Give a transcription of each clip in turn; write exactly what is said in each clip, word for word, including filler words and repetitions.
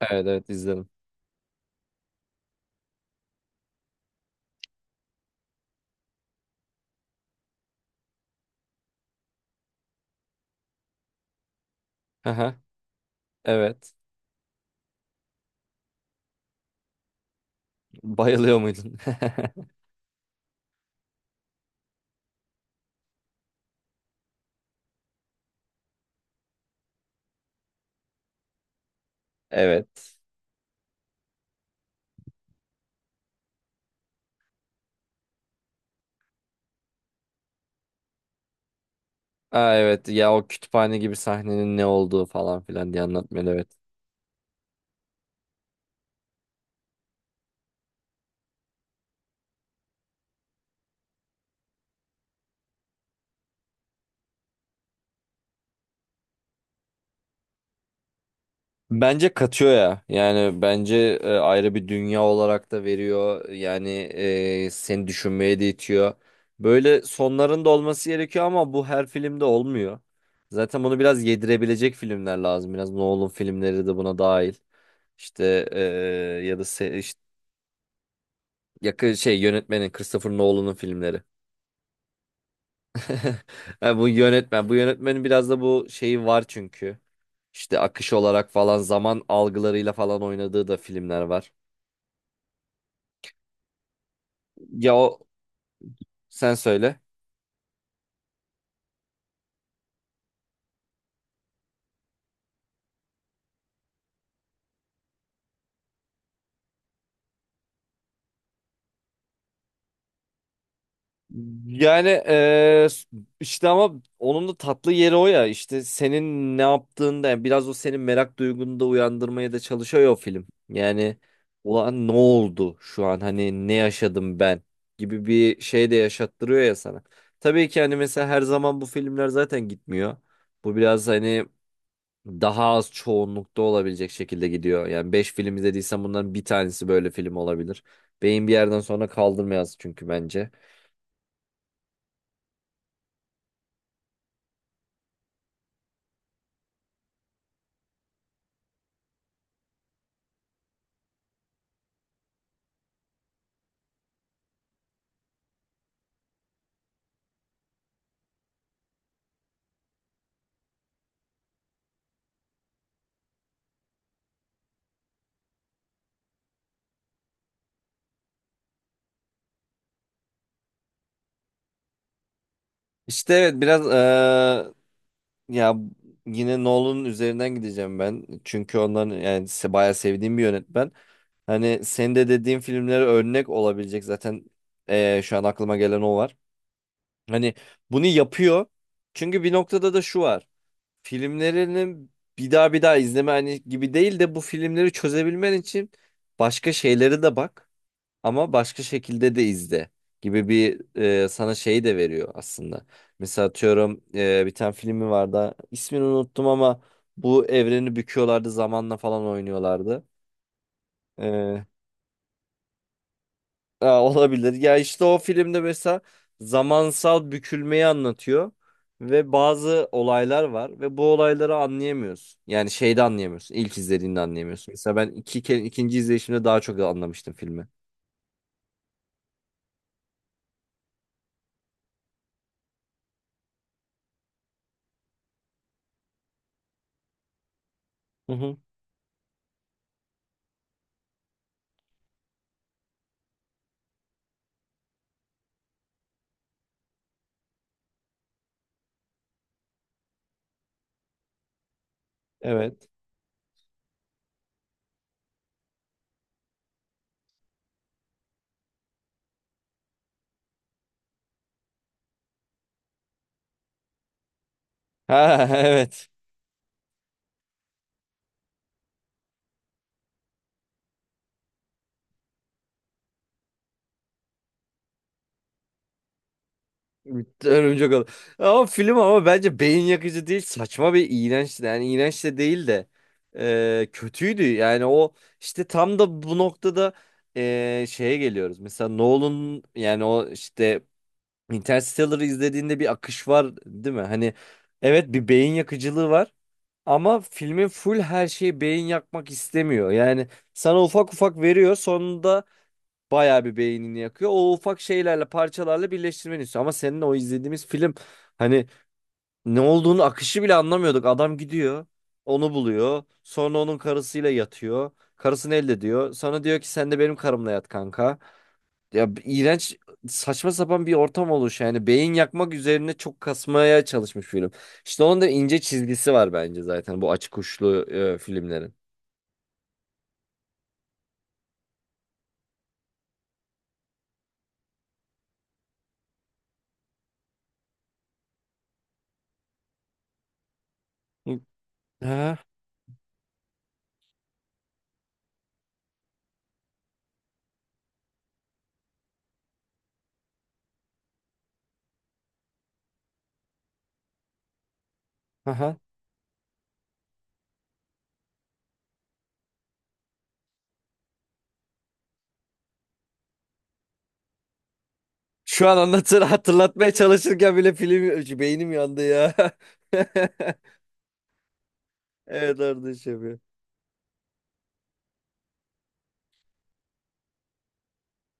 Evet evet, izledim. Aha, evet. Bayılıyor muydun? Evet. Aa, evet ya, o kütüphane gibi sahnenin ne olduğu falan filan diye anlatmıyor, evet. Bence katıyor ya. Yani bence e, ayrı bir dünya olarak da veriyor. Yani e, seni düşünmeye de itiyor. Böyle sonlarında olması gerekiyor ama bu her filmde olmuyor. Zaten bunu biraz yedirebilecek filmler lazım. Biraz Nolan filmleri de buna dahil. İşte e, ya da se- yakın şey, yönetmenin, Christopher Nolan'ın filmleri. Ha, bu yönetmen bu yönetmenin biraz da bu şeyi var çünkü. İşte akış olarak falan, zaman algılarıyla falan oynadığı da filmler var. Ya o, sen söyle. Yani eee, işte ama onun da tatlı yeri o ya, işte senin ne yaptığında, yani biraz o senin merak duygunu da uyandırmaya da çalışıyor ya o film. Yani ulan ne oldu şu an, hani ne yaşadım ben, gibi bir şey de yaşattırıyor ya sana. Tabii ki hani, mesela her zaman bu filmler zaten gitmiyor. Bu biraz hani daha az çoğunlukta olabilecek şekilde gidiyor. Yani beş film izlediysen bunların bir tanesi böyle film olabilir. Beyin bir yerden sonra kaldırmayız çünkü, bence. İşte evet biraz eee, ya yine Nolan'ın üzerinden gideceğim ben. Çünkü onların yani se- bayağı sevdiğim bir yönetmen. Hani senin de dediğin filmlere örnek olabilecek zaten, eee, şu an aklıma gelen o var. Hani bunu yapıyor. Çünkü bir noktada da şu var: filmlerini bir daha bir daha izleme, hani gibi değil de, bu filmleri çözebilmen için başka şeyleri de bak, ama başka şekilde de izle gibi bir e, sana şeyi de veriyor aslında. Mesela atıyorum, e, bir tane filmi vardı. İsmini unuttum ama bu evreni büküyorlardı, zamanla falan oynuyorlardı. E, ha, olabilir. Ya işte o filmde mesela zamansal bükülmeyi anlatıyor. Ve bazı olaylar var ve bu olayları anlayamıyorsun. Yani şeyde anlayamıyorsun. İlk izlediğinde anlayamıyorsun. Mesela ben iki, ke- ikinci izleyişimde daha çok anlamıştım filmi. Hı hı. Evet. Ha, evet. Bitti, Örümcek Adam. Ama film ama bence beyin yakıcı değil. Saçma, bir iğrençti. Yani iğrenç de değil de e, kötüydü. Yani o işte tam da bu noktada e, şeye geliyoruz. Mesela Nolan, yani o işte Interstellar'ı izlediğinde bir akış var değil mi? Hani evet, bir beyin yakıcılığı var. Ama filmin full her şeyi beyin yakmak istemiyor. Yani sana ufak ufak veriyor. Sonunda bayağı bir beynini yakıyor. O ufak şeylerle, parçalarla birleştirmeni istiyor. Ama senin o izlediğimiz film, hani ne olduğunu, akışı bile anlamıyorduk. Adam gidiyor, onu buluyor. Sonra onun karısıyla yatıyor. Karısını elde ediyor. Sonra diyor ki, sen de benim karımla yat kanka. Ya iğrenç, saçma sapan bir ortam oluş, yani beyin yakmak üzerine çok kasmaya çalışmış film. İşte onun da ince çizgisi var bence, zaten bu açık uçlu e, filmlerin. Hı. Ha, aha. Şu an anlatır, hatırlatmaya çalışırken bile film, beynim yandı ya. Evet kardeş, yapıyor.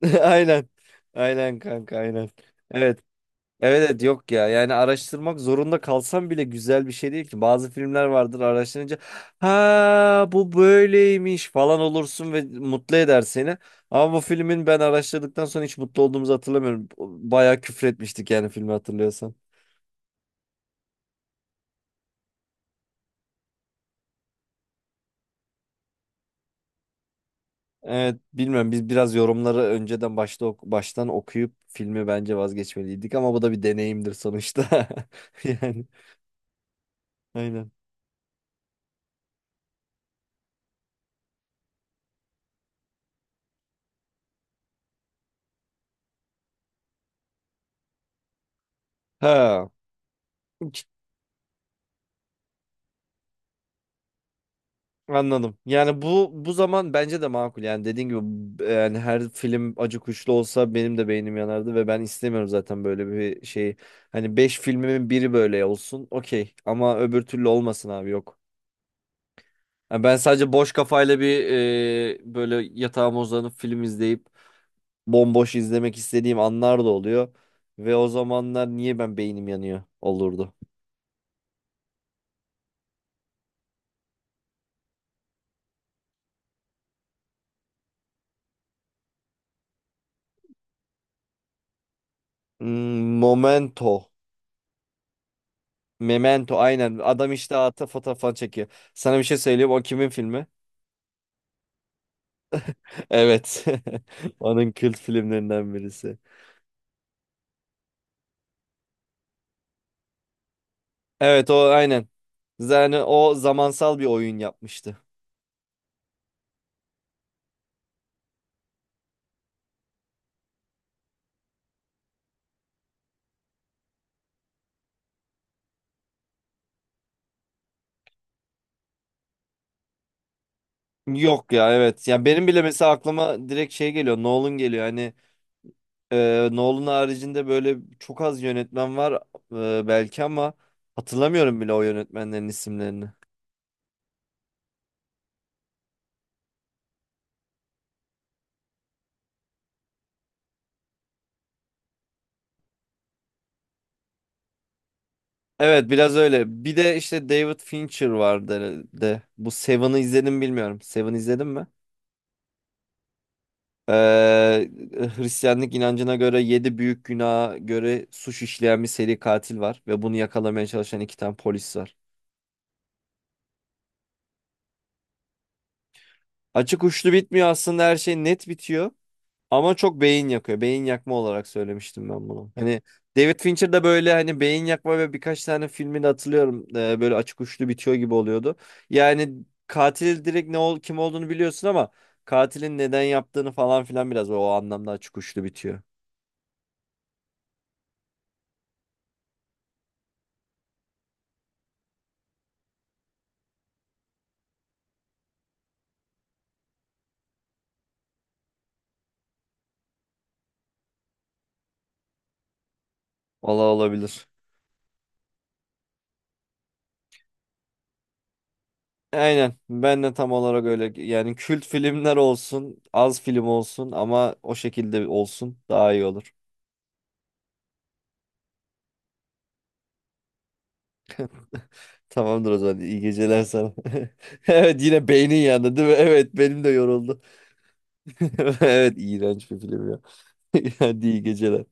Aynen. Aynen kanka, aynen. Evet. Evet evet, yok ya. Yani araştırmak zorunda kalsam bile güzel bir şey değil ki. Bazı filmler vardır, araştırınca ha bu böyleymiş falan olursun ve mutlu eder seni. Ama bu filmin, ben araştırdıktan sonra hiç mutlu olduğumuzu hatırlamıyorum. Bayağı küfür etmiştik, yani, filmi hatırlıyorsan. Evet, bilmiyorum. Biz biraz yorumları önceden, başta ok- baştan okuyup filmi bence vazgeçmeliydik, ama bu da bir deneyimdir sonuçta. Yani, aynen. Ha, anladım. Yani bu, bu zaman bence de makul. Yani dediğin gibi, b- yani her film acı kuşlu olsa benim de beynim yanardı ve ben istemiyorum zaten böyle bir şey. Hani beş filmimin biri böyle olsun, okey, ama öbür türlü olmasın abi, yok. Yani ben sadece boş kafayla bir e, böyle yatağıma uzanıp film izleyip bomboş izlemek istediğim anlar da oluyor. Ve o zamanlar niye ben, beynim yanıyor olurdu. Hmm, Momento. Memento, aynen. Adam işte ata fotoğraf falan çekiyor. Sana bir şey söyleyeyim. O kimin filmi? Evet. Onun kült filmlerinden birisi. Evet o, aynen. Yani o zamansal bir oyun yapmıştı. Yok ya, evet. Ya benim bile mesela aklıma direkt şey geliyor. Nolan geliyor. Hani Ee, Nolan haricinde böyle çok az yönetmen var e, belki, ama hatırlamıyorum bile o yönetmenlerin isimlerini. Evet, biraz öyle. Bir de işte David Fincher vardı de. Bu Seven'ı izledim, bilmiyorum. Seven izledin mi? Ee, Hristiyanlık inancına göre yedi büyük günaha göre suç işleyen bir seri katil var ve bunu yakalamaya çalışan iki tane polis var. Açık uçlu bitmiyor aslında, her şey net bitiyor. Ama çok beyin yakıyor. Beyin yakma olarak söylemiştim ben bunu. Hani David Fincher'da böyle hani beyin yakma, ve birkaç tane filmini hatırlıyorum. Ee, böyle açık uçlu bitiyor gibi oluyordu. Yani katil direkt ne ol kim olduğunu biliyorsun ama katilin neden yaptığını falan filan, biraz o anlamda açık uçlu bitiyor. Ola olabilir. Aynen. Ben de tam olarak öyle. Yani kült filmler olsun, az film olsun ama o şekilde olsun, daha iyi olur. Tamamdır o zaman. İyi geceler sana. Evet, yine beynin yandı değil mi? Evet, benim de yoruldu. Evet, iğrenç bir film ya. Hadi, iyi geceler.